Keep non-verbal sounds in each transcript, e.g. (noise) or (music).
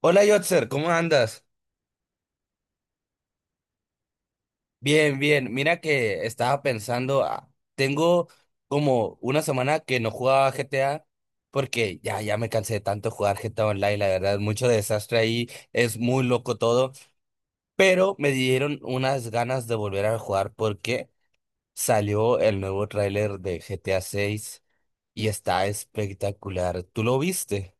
Hola Yotzer, ¿cómo andas? Bien, bien. Mira que estaba pensando, ah, tengo como una semana que no jugaba GTA porque ya me cansé de tanto jugar GTA Online, la verdad, mucho desastre ahí, es muy loco todo, pero me dieron unas ganas de volver a jugar porque salió el nuevo tráiler de GTA 6 y está espectacular. ¿Tú lo viste?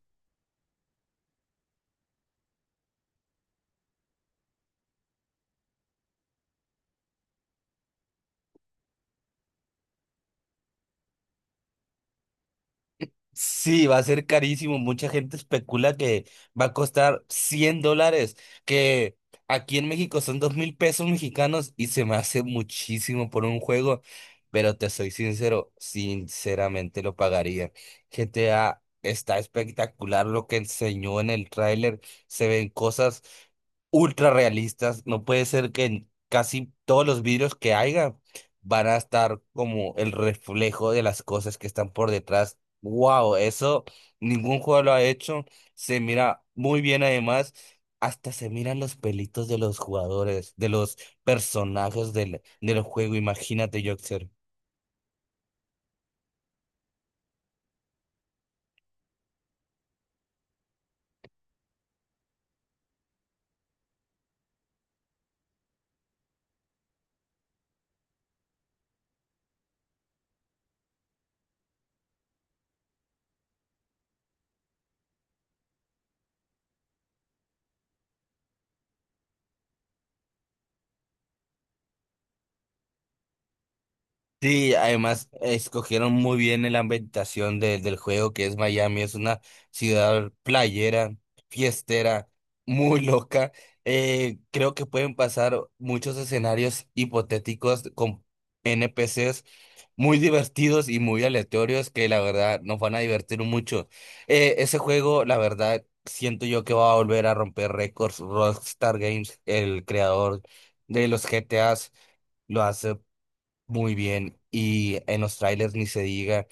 Sí, va a ser carísimo. Mucha gente especula que va a costar $100, que aquí en México son 2,000 pesos mexicanos y se me hace muchísimo por un juego, pero te soy sincero, sinceramente lo pagaría. GTA está espectacular lo que enseñó en el tráiler, se ven cosas ultra realistas. No puede ser que en casi todos los vidrios que haya van a estar como el reflejo de las cosas que están por detrás. Wow, eso ningún juego lo ha hecho. Se mira muy bien además. Hasta se miran los pelitos de los jugadores, de los personajes del juego. Imagínate, Joxer. Sí, además escogieron muy bien en la ambientación del juego que es Miami, es una ciudad playera, fiestera, (laughs) muy loca. Creo que pueden pasar muchos escenarios hipotéticos con NPCs muy divertidos y muy aleatorios que la verdad nos van a divertir mucho. Ese juego, la verdad, siento yo que va a volver a romper récords. Rockstar Games, el creador de los GTAs, lo hace. Muy bien, y en los trailers ni se diga.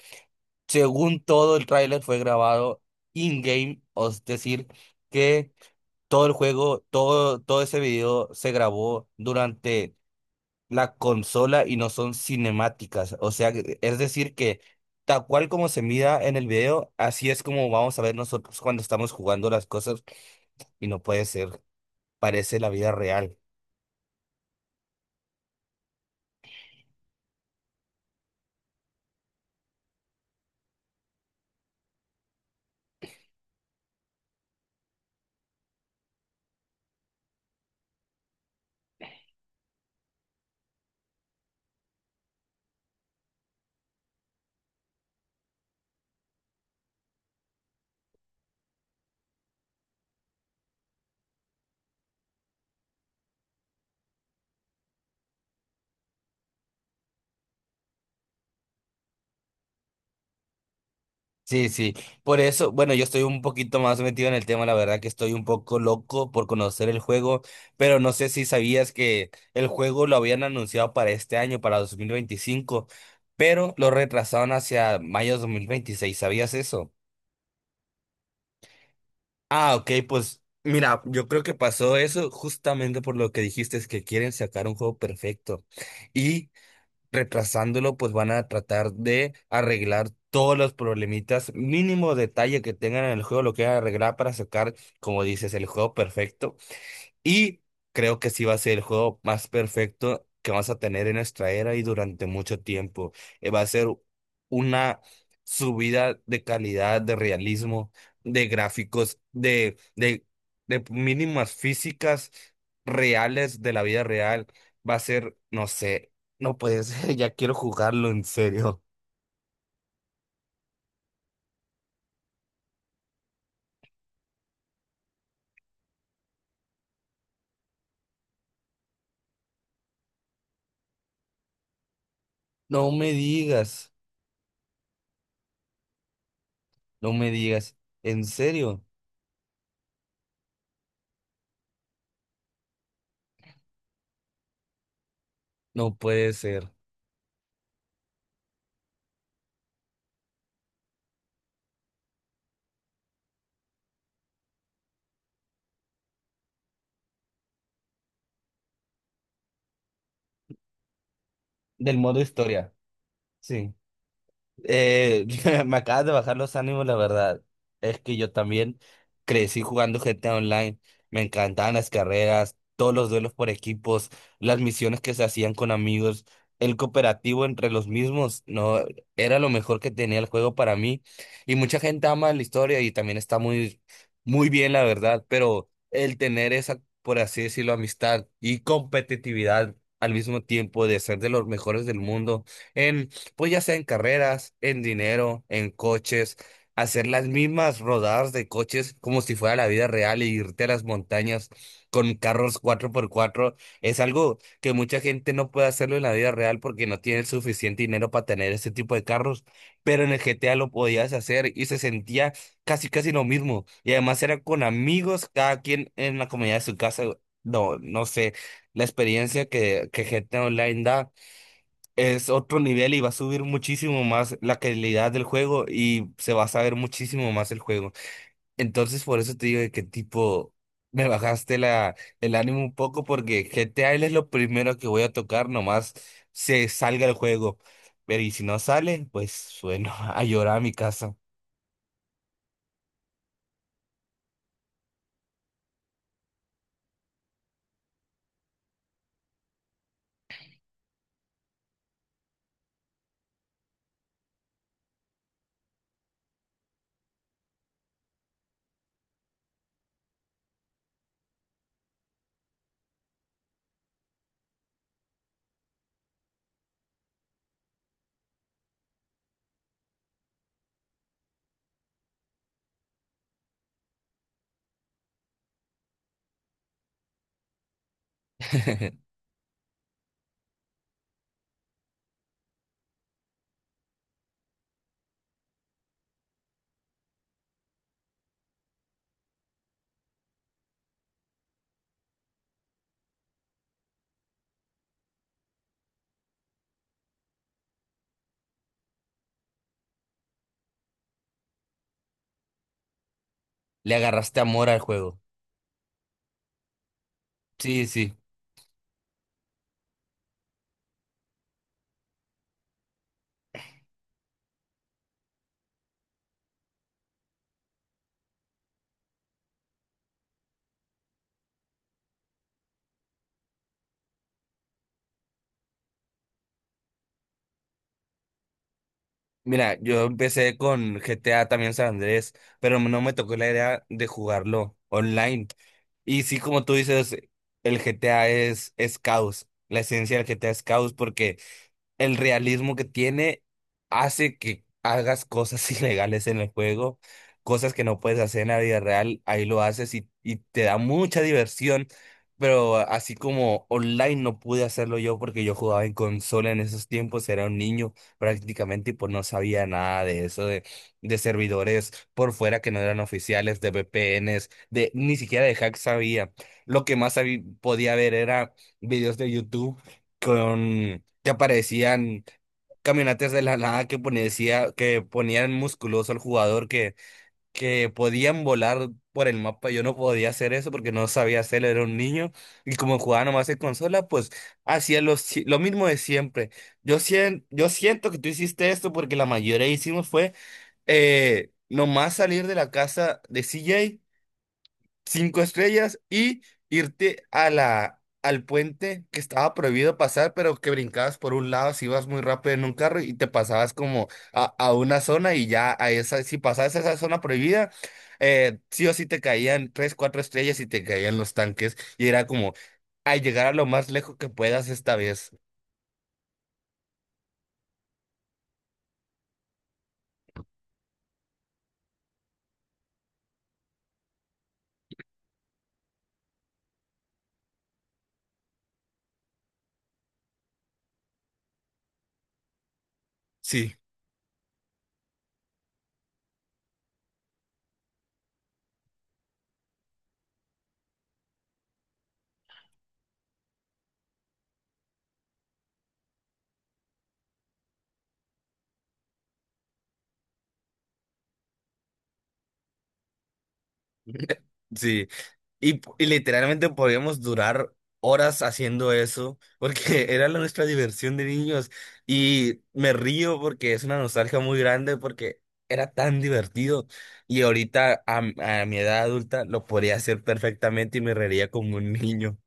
Según todo, el trailer fue grabado in-game, o es decir, que todo el juego, todo, todo ese video se grabó durante la consola y no son cinemáticas. O sea, es decir, que tal cual como se mira en el video, así es como vamos a ver nosotros cuando estamos jugando las cosas y no puede ser, parece la vida real. Sí, sí. Por eso, bueno, yo estoy un poquito más metido en el tema, la verdad que estoy un poco loco por conocer el juego, pero no sé si sabías que el juego lo habían anunciado para este año, para 2025, pero lo retrasaron hacia mayo de 2026. ¿Sabías eso? Ah, ok, pues mira, yo creo que pasó eso justamente por lo que dijiste, es que quieren sacar un juego perfecto. Y retrasándolo, pues van a tratar de arreglar todos los problemitas, mínimo detalle que tengan en el juego, lo que arreglar para sacar, como dices, el juego perfecto. Y creo que sí va a ser el juego más perfecto que vamos a tener en nuestra era y durante mucho tiempo. Va a ser una subida de calidad, de realismo, de gráficos, de mínimas físicas reales de la vida real. Va a ser, no sé, no puede ser, (laughs) ya quiero jugarlo en serio. No me digas, no me digas, en serio, no puede ser. Del modo historia, sí. Eh, (laughs) Me acabas de bajar los ánimos, la verdad. Es que yo también crecí jugando GTA Online. Me encantaban las carreras, todos los duelos por equipos, las misiones que se hacían con amigos, el cooperativo entre los mismos. No, era lo mejor que tenía el juego para mí. Y mucha gente ama la historia y también está muy, muy bien, la verdad. Pero el tener esa, por así decirlo, amistad y competitividad al mismo tiempo de ser de los mejores del mundo. En pues ya sea en carreras, en dinero, en coches, hacer las mismas rodadas de coches como si fuera la vida real e irte a las montañas con carros cuatro por cuatro es algo que mucha gente no puede hacerlo en la vida real porque no tiene el suficiente dinero para tener ese tipo de carros, pero en el GTA lo podías hacer y se sentía casi casi lo mismo y además era con amigos, cada quien en la comunidad de su casa. No, no sé, la experiencia que GTA Online da es otro nivel y va a subir muchísimo más la calidad del juego y se va a saber muchísimo más el juego. Entonces, por eso te digo de que tipo, me bajaste el ánimo un poco porque GTA es lo primero que voy a tocar nomás se salga el juego. Pero y si no sale, pues bueno, (laughs) a llorar a mi casa. (laughs) Le agarraste amor al juego. Sí, sí. Mira, yo empecé con GTA también San Andrés, pero no me tocó la idea de jugarlo online. Y sí, como tú dices, el GTA es caos. La esencia del GTA es caos porque el realismo que tiene hace que hagas cosas (laughs) ilegales en el juego, cosas que no puedes hacer en la vida real, ahí lo haces y te da mucha diversión, pero así como online no pude hacerlo yo porque yo jugaba en consola en esos tiempos, era un niño prácticamente y pues no sabía nada de eso, de servidores por fuera que no eran oficiales, de VPNs, de, ni siquiera de hack sabía. Lo que más podía ver era videos de YouTube con te aparecían caminatas de la nada que que ponían musculoso al jugador que podían volar por el mapa. Yo no podía hacer eso porque no sabía hacerlo, era un niño. Y como jugaba nomás en consola, pues hacía lo, si- lo mismo de siempre. Yo siento que tú hiciste esto porque la mayoría hicimos fue nomás salir de la casa de CJ cinco estrellas y irte a al puente que estaba prohibido pasar, pero que brincabas por un lado si ibas muy rápido en un carro y te pasabas como a una zona y ya a esa, si pasabas a esa zona prohibida, sí o sí te caían tres, cuatro estrellas y te caían los tanques y era como a llegar a lo más lejos que puedas esta vez. Sí. (laughs) Sí, y literalmente podíamos durar horas haciendo eso, porque (laughs) era nuestra diversión de niños. Y me río porque es una nostalgia muy grande, porque era tan divertido. Y ahorita, a mi edad adulta, lo podría hacer perfectamente y me reiría como un (laughs) niño.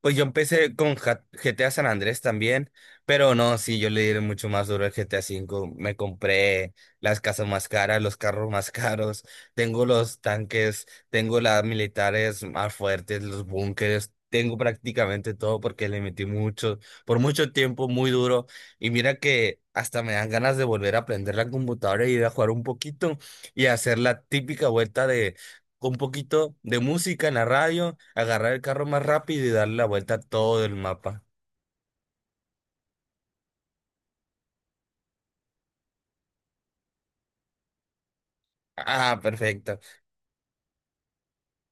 Pues yo empecé con GTA San Andrés también, pero no, sí, yo le di mucho más duro al GTA V. Me compré las casas más caras, los carros más (laughs) caros, tengo los tanques, tengo las militares más fuertes, los búnkeres, tengo prácticamente todo porque le metí mucho, por mucho tiempo, muy duro. Y mira que hasta me dan ganas de volver a aprender la computadora y ir a jugar un poquito y hacer la típica vuelta con un poquito de música en la radio, agarrar el carro más rápido y darle la vuelta a todo el mapa. Ah, perfecto.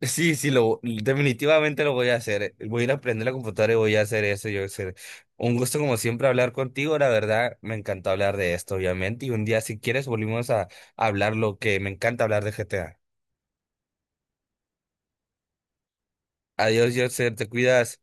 Sí, sí, definitivamente lo voy a hacer. Voy a ir a aprender la computadora y voy a hacer eso. Yo sé. Un gusto como siempre hablar contigo. La verdad, me encantó hablar de esto, obviamente. Y un día, si quieres, volvimos a hablar lo que me encanta hablar de GTA. Adiós, Joseph, te cuidas.